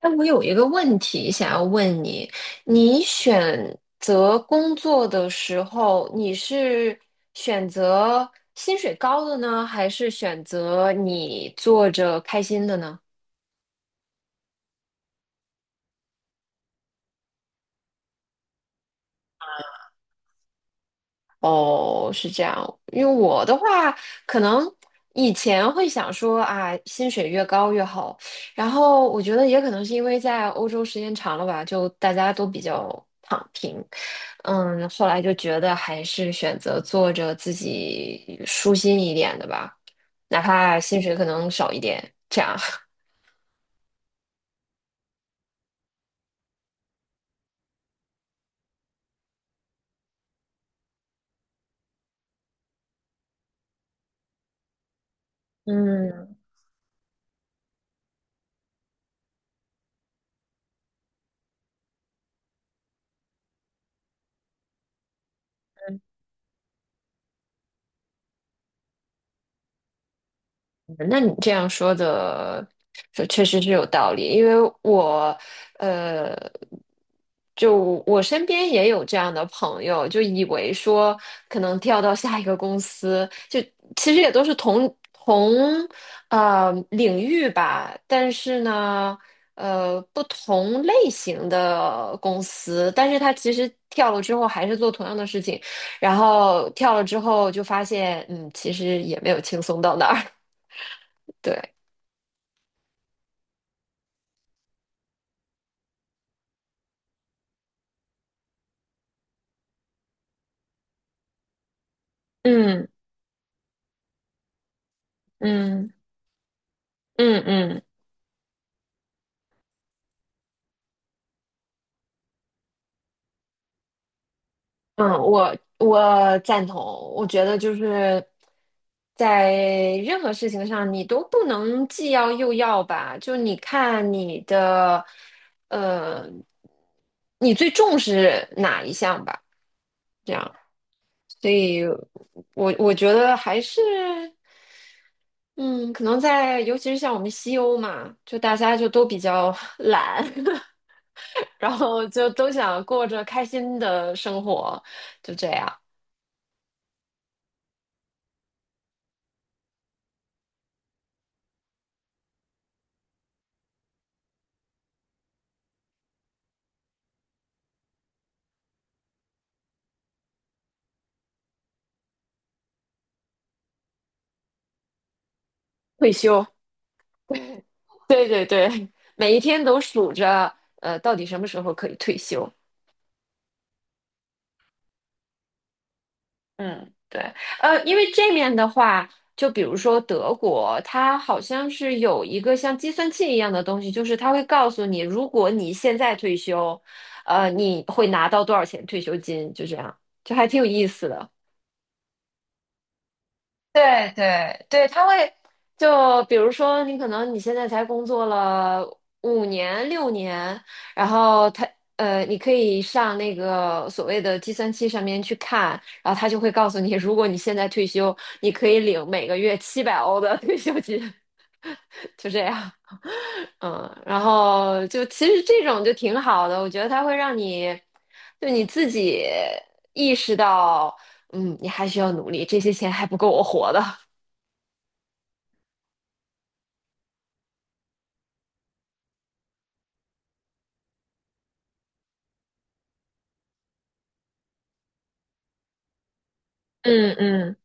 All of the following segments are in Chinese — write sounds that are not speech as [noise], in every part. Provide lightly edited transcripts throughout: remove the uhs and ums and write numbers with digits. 哎，我有一个问题想要问你，你选择工作的时候，你是选择薪水高的呢，还是选择你做着开心的呢？哦，是这样。因为我的话，可能以前会想说啊，薪水越高越好。然后我觉得也可能是因为在欧洲时间长了吧，就大家都比较躺平。嗯，后来就觉得还是选择做着自己舒心一点的吧，哪怕薪水可能少一点，这样。[laughs] 嗯。那你这样说的，说确实是有道理，因为我，呃，就我身边也有这样的朋友，就以为说可能跳到下一个公司，就其实也都是同领域吧，但是呢，不同类型的公司，但是他其实跳了之后还是做同样的事情，然后跳了之后就发现，其实也没有轻松到哪儿，[laughs] 对。嗯嗯嗯嗯嗯，我赞同。我觉得就是在任何事情上，你都不能既要又要吧。就你看你的，呃，你最重视哪一项吧？这样，所以我觉得还是，嗯，可能在尤其是像我们西欧嘛，就大家就都比较 [laughs] 懒。[laughs] 然后就都想过着开心的生活，就这样退休。[laughs] 对对对，每一天都数着，到底什么时候可以退休？嗯，对，因为这面的话，就比如说德国，它好像是有一个像计算器一样的东西，就是它会告诉你，如果你现在退休，你会拿到多少钱退休金，就这样，就还挺有意思的。对对对，他会就比如说，你可能你现在才工作了5年6年，然后你可以上那个所谓的计算器上面去看，然后他就会告诉你，如果你现在退休，你可以领每个月700欧的 [laughs] 退休金，[laughs] 就这样。嗯，然后就其实这种就挺好的，我觉得它会让你就你自己意识到，你还需要努力，这些钱还不够我活的。嗯嗯，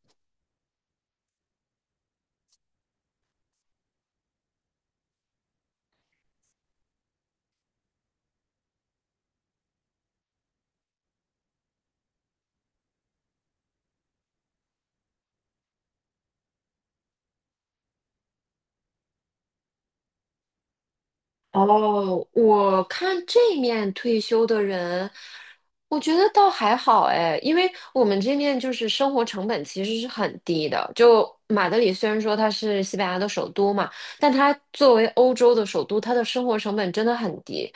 哦，我看这面退休的人，我觉得倒还好哎，因为我们这面就是生活成本其实是很低的。就马德里虽然说它是西班牙的首都嘛，但它作为欧洲的首都，它的生活成本真的很低。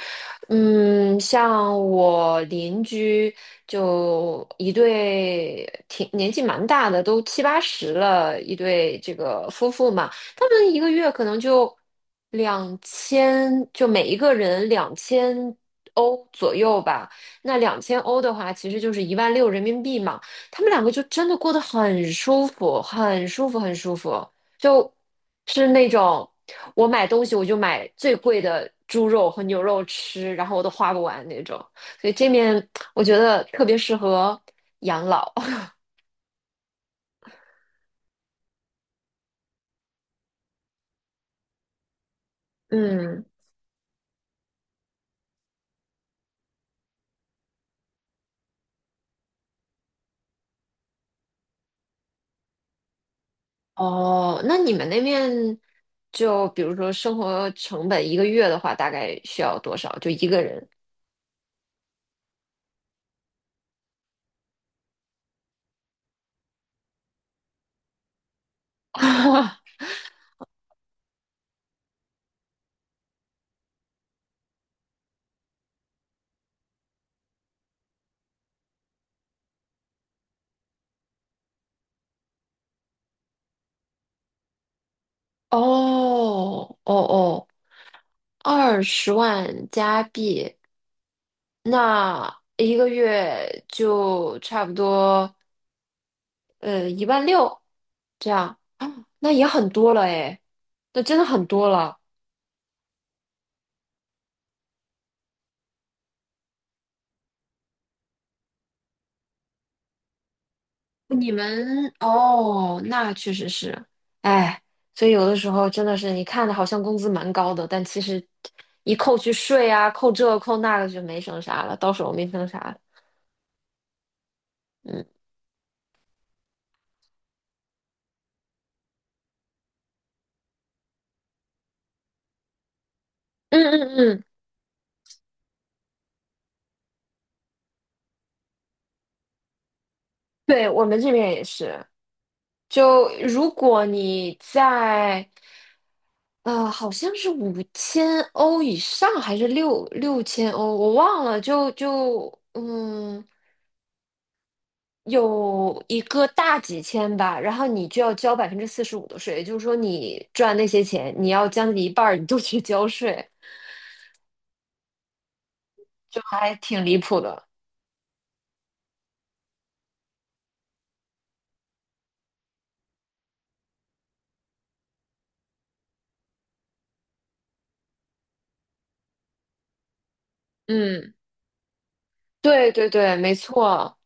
嗯，像我邻居就一对挺年纪蛮大的，都七八十了，一对这个夫妇嘛。他们一个月可能就两千，就每一个人两千欧左右吧。那两千欧的话，其实就是一万六人民币嘛。他们两个就真的过得很舒服，很舒服，很舒服，就是那种我买东西我就买最贵的猪肉和牛肉吃，然后我都花不完那种。所以这面我觉得特别适合养老。[laughs] 嗯哦，那你们那边就比如说生活成本一个月的话，大概需要多少？就一个人？[laughs] 哦哦哦，20万加币，那一个月就差不多一万六这样啊，那也很多了诶，那真的很多了。你们哦，那确实是，哎，所以有的时候真的是，你看的好像工资蛮高的，但其实一扣去税啊，扣这扣那个就没剩啥了，到手没剩啥了嗯嗯嗯嗯，对，我们这边也是。就如果你在，好像是5000欧以上还是六千欧，我忘了。就有一个大几千吧，然后你就要交45%的税，也就是说你赚那些钱，你要将近一半儿你都去交税，就还挺离谱的。嗯，对对对，没错，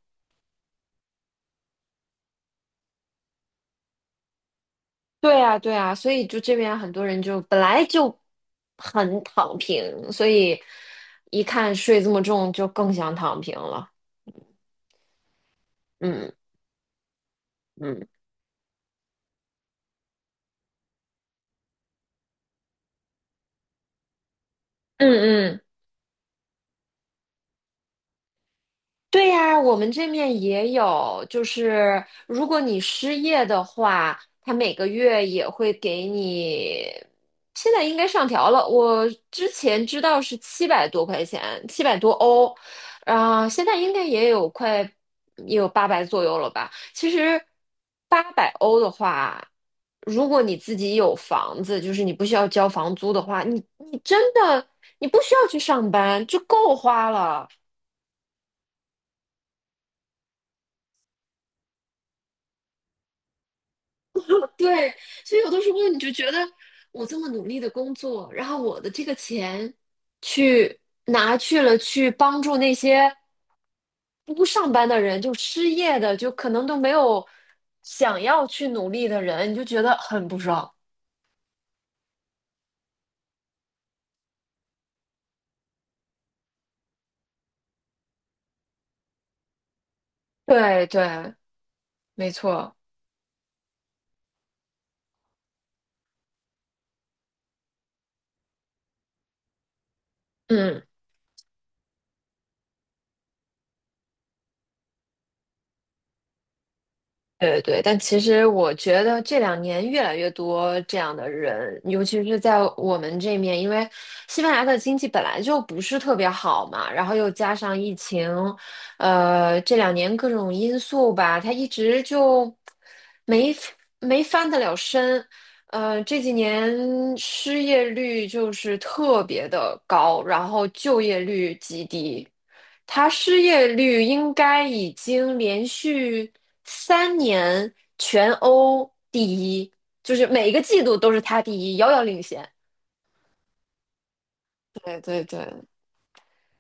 对啊对啊，所以就这边很多人就本来就很躺平，所以一看税这么重，就更想躺平了。嗯嗯嗯嗯。对呀，我们这面也有，就是如果你失业的话，他每个月也会给你，现在应该上调了，我之前知道是700多块钱，700多欧，啊、现在应该也有八百左右了吧？其实800欧的话，如果你自己有房子，就是你不需要交房租的话，你真的你不需要去上班，就够花了。对，所以有的时候你就觉得我这么努力的工作，然后我的这个钱去拿去了去帮助那些不上班的人，就失业的，就可能都没有想要去努力的人，你就觉得很不爽。对对，没错，嗯。对对，但其实我觉得这两年越来越多这样的人，尤其是在我们这面，因为西班牙的经济本来就不是特别好嘛，然后又加上疫情，这两年各种因素吧，它一直就没没翻得了身，这几年失业率就是特别的高，然后就业率极低。他失业率应该已经连续3年全欧第一，就是每一个季度都是他第一，遥遥领先。对对对，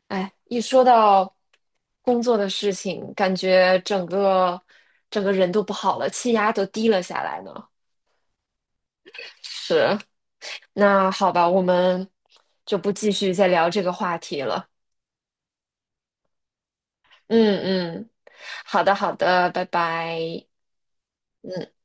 哎，一说到工作的事情，感觉整个人都不好了，气压都低了下来呢。是，那好吧，我们就不继续再聊这个话题了。嗯嗯，好的好的，拜拜。嗯。